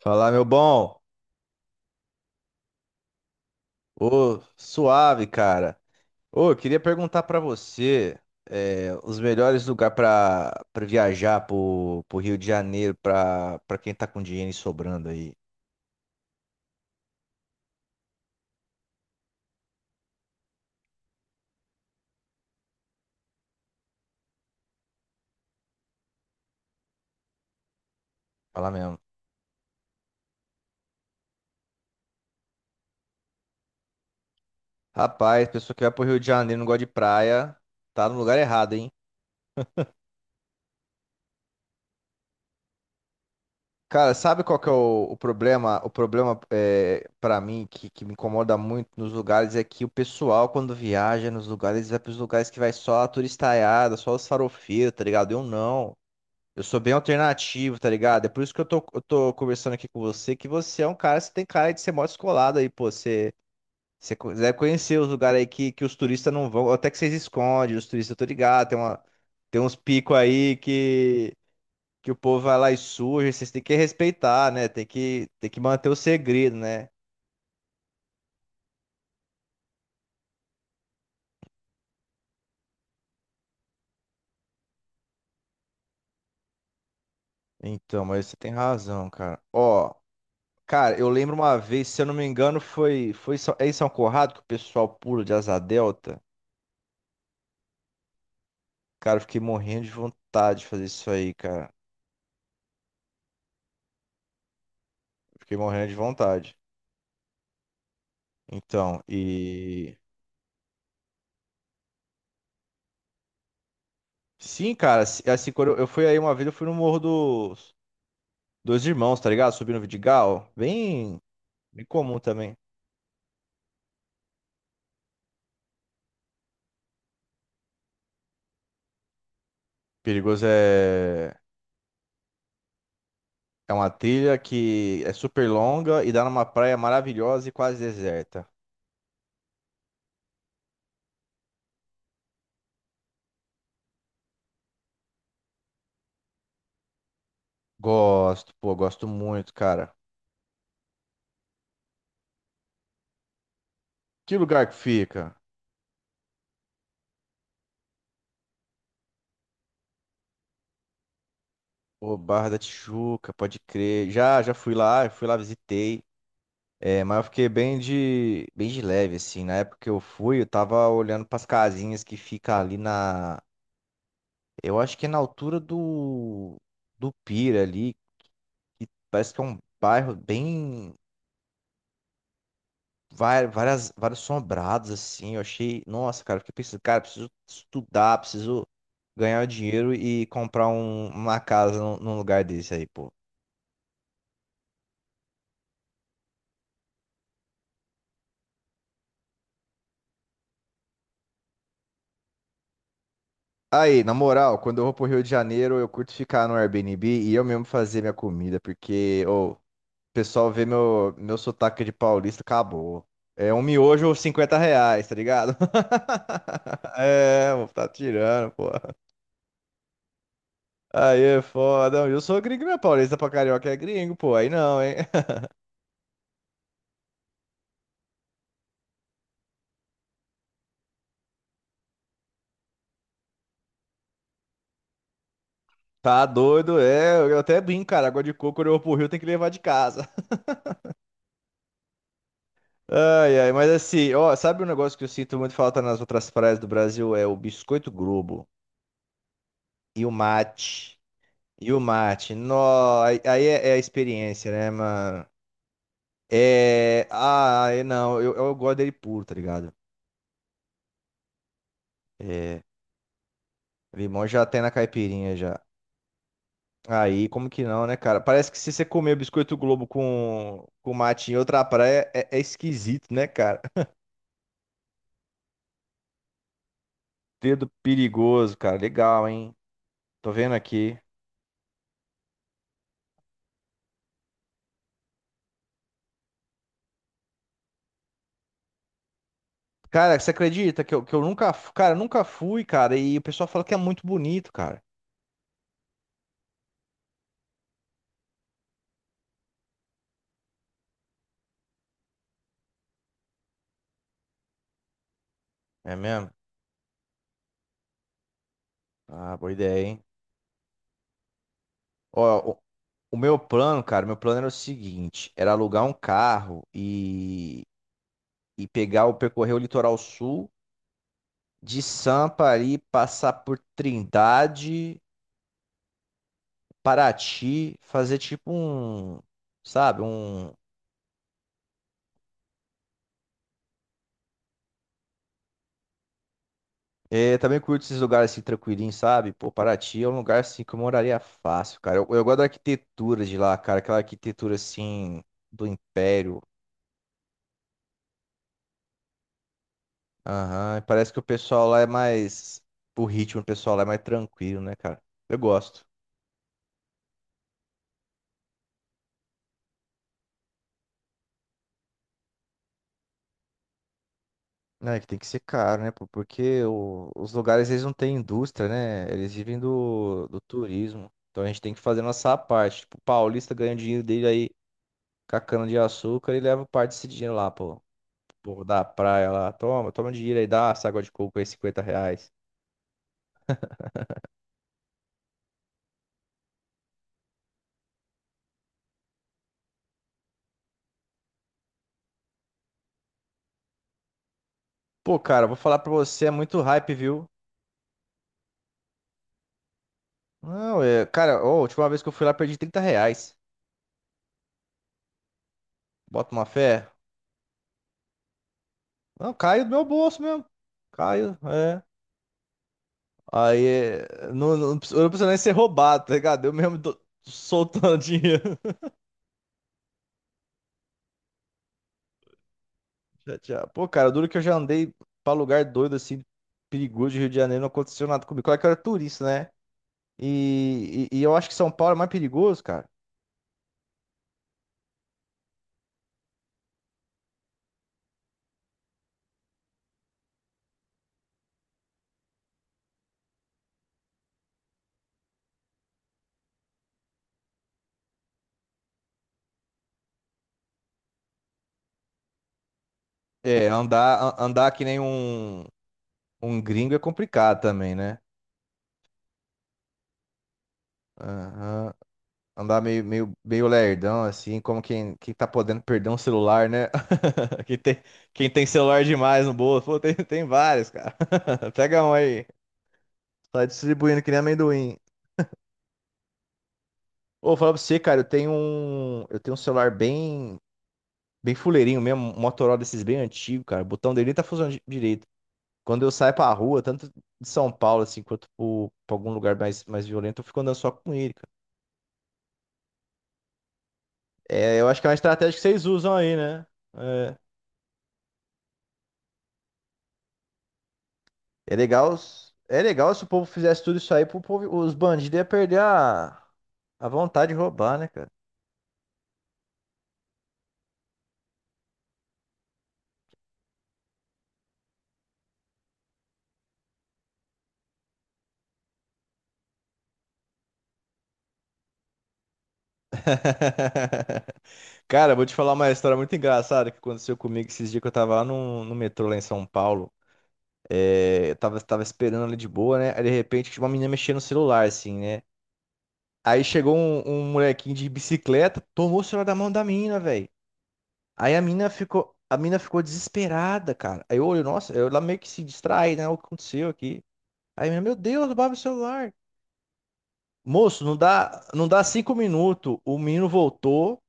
Fala, meu bom. Ô, suave, cara. Ô, eu queria perguntar pra você os melhores lugares pra para viajar pro Rio de Janeiro pra para quem tá com dinheiro sobrando aí. Fala mesmo. Rapaz, pessoa que vai pro Rio de Janeiro e não gosta de praia, tá no lugar errado, hein? Cara, sabe qual que é o problema? O problema é, para mim que me incomoda muito nos lugares é que o pessoal quando viaja nos lugares vai pros lugares que vai só a turistaiada, só os farofeiros, tá ligado? Eu não. Eu sou bem alternativo, tá ligado? É por isso que eu tô conversando aqui com você, que você é um cara, você tem cara de ser mó descolado aí, pô. Você deve conhecer os lugares aí que os turistas não vão, até que vocês escondem, os turistas, eu tô ligado, tem uns picos aí que o povo vai lá e suja, vocês têm que respeitar, né? Tem que manter o segredo, né? Então, mas você tem razão, cara. Ó, cara, eu lembro uma vez, se eu não me engano, foi em São Corrado que o pessoal pula de asa delta. Cara, eu fiquei morrendo de vontade de fazer isso aí, cara. Fiquei morrendo de vontade. Então, e. Sim, cara, assim, quando eu fui aí uma vez, eu fui no Morro dos Dois Irmãos, tá ligado? Subi no Vidigal. Bem, bem comum também. Perigoso é. É uma trilha que é super longa e dá numa praia maravilhosa e quase deserta. Gosto, pô, gosto muito, cara. Que lugar que fica? Pô, Barra da Tijuca, pode crer. Já, já fui lá, visitei. É, mas eu fiquei bem de leve, assim. Na época que eu fui, eu tava olhando pras casinhas que fica ali na. Eu acho que é na altura do. Do Pira ali, que parece que é um bairro bem. Vários sombrados, assim. Eu achei. Nossa, cara, eu fiquei pensando, cara, preciso estudar, preciso ganhar dinheiro e comprar uma casa num lugar desse aí, pô. Aí, na moral, quando eu vou pro Rio de Janeiro, eu curto ficar no Airbnb e eu mesmo fazer minha comida, porque, ô. Pessoal vê meu sotaque de paulista, acabou. É um miojo ou R$ 50, tá ligado? É, vou tá tirando, pô. Aí é foda. Não, eu sou gringo, não é paulista pra carioca é gringo, pô. Aí não, hein? Tá doido, é. Eu até brinco, cara. Água de coco, quando eu vou pro Rio, tem que levar de casa. Ai, ai. Mas assim, ó, sabe um negócio que eu sinto muito falta nas outras praias do Brasil? É o biscoito Globo e o mate. E o mate. Nó, aí é a experiência, né, mano? É. Ah, é, não, eu gosto dele puro, tá ligado? É. Limão já tem na caipirinha já. Aí, como que não, né, cara? Parece que se você comer biscoito Globo com mate em outra praia, é esquisito, né, cara? Dedo perigoso, cara. Legal, hein? Tô vendo aqui. Cara, você acredita que eu nunca, cara, eu nunca fui, cara, e o pessoal fala que é muito bonito, cara. É mesmo? Ah, boa ideia, hein? Ó, o, o meu plano, cara, meu plano era o seguinte, era alugar um carro e pegar o percorrer o litoral sul de Sampa ali, passar por Trindade, Paraty, fazer tipo um, sabe, um também curto esses lugares assim tranquilinhos, sabe? Pô, Paraty é um lugar assim que eu moraria fácil, cara. Eu gosto da arquitetura de lá, cara, aquela arquitetura assim do Império. Aham, e parece que o ritmo do pessoal lá é mais tranquilo, né, cara? Eu gosto. É, que tem que ser caro, né? Pô? Porque os lugares, eles não têm indústria, né? Eles vivem do turismo. Então a gente tem que fazer a nossa parte. Tipo, o paulista ganha o dinheiro dele aí com a cana de açúcar e leva parte desse dinheiro lá, pô. Pô, da praia lá. Toma, toma um dinheiro aí, dá essa água de coco aí, R$ 50. Pô, cara, vou falar pra você, é muito hype, viu? Não, Cara, ó, a última vez que eu fui lá, perdi R$ 30. Bota uma fé. Não, caiu do meu bolso mesmo. Caiu, é. Aí é, não, não, eu não precisa nem ser roubado, tá ligado? Eu mesmo tô soltando dinheiro. Já, já. Pô, cara, duro que eu já andei pra lugar doido assim, perigoso de Rio de Janeiro, não aconteceu nada comigo. Claro que eu era turista, né? E eu acho que São Paulo é mais perigoso, cara. É, andar que nem um gringo é complicado também, né? Aham. Andar meio, meio, meio lerdão, assim, como quem tá podendo perder um celular, né? Quem tem, quem tem celular demais no bolso. Pô, tem vários, cara. Pega um aí. Tá distribuindo que nem amendoim. Ô, falar pra você, cara, eu tenho um. Eu tenho um celular bem, bem fuleirinho mesmo, um Motorola desses bem antigo, cara. O botão dele nem tá funcionando direito. Quando eu saio pra rua, tanto de São Paulo, assim, quanto pra algum lugar mais violento, eu fico andando só com ele, cara. É, eu acho que é uma estratégia que vocês usam aí, né? É. É legal, é legal se o povo fizesse tudo isso aí, os bandidos iam perder a vontade de roubar, né, cara? Cara, eu vou te falar uma história muito engraçada que aconteceu comigo esses dias que eu tava lá no metrô lá em São Paulo. É, eu tava esperando ali de boa, né? Aí de repente tinha uma menina mexendo no celular, assim, né? Aí chegou um molequinho de bicicleta, tomou o celular da mão da menina, velho. Aí a menina ficou desesperada, cara. Aí eu olho, nossa, eu lá meio que se distrai, né? O que aconteceu aqui? Aí, meu Deus, roubaram o celular. Moço, não dá, não dá 5 minutos. O menino voltou,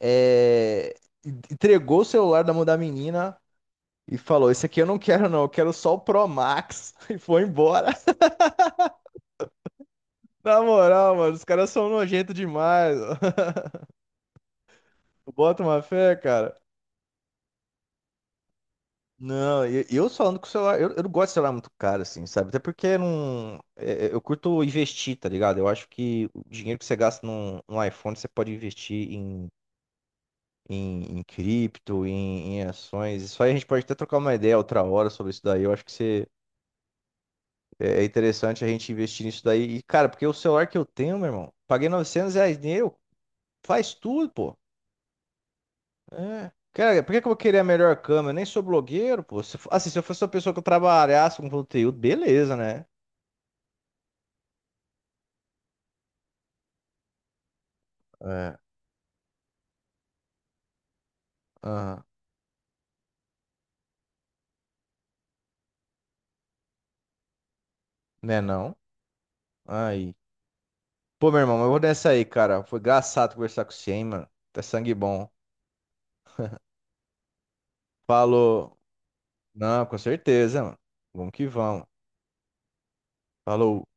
é, entregou o celular da mão da menina e falou: Esse aqui eu não quero, não. Eu quero só o Pro Max. E foi embora. Na moral, mano, os caras são nojentos demais. Bota uma fé, cara. Não, e eu falando com o celular, eu não gosto de celular muito caro, assim, sabe? Até porque eu não, é, é, eu curto investir, tá ligado? Eu acho que o dinheiro que você gasta num iPhone, você pode investir em, cripto, em ações. Isso aí a gente pode até trocar uma ideia outra hora sobre isso daí. Eu acho que é interessante a gente investir nisso daí. E, cara, porque o celular que eu tenho, meu irmão, paguei R$ 900 nele, faz tudo, pô. É. Cara, por que que eu vou querer a melhor câmera? Eu nem sou blogueiro, pô. Se eu fosse uma pessoa que eu trabalhasse com conteúdo, beleza, né? É. Aham. Né, não? Aí. Pô, meu irmão, mas eu vou nessa aí, cara. Foi engraçado conversar com você, hein, mano. Tá sangue bom. Falou. Não, com certeza, mano. Vamos que vamos. Falou.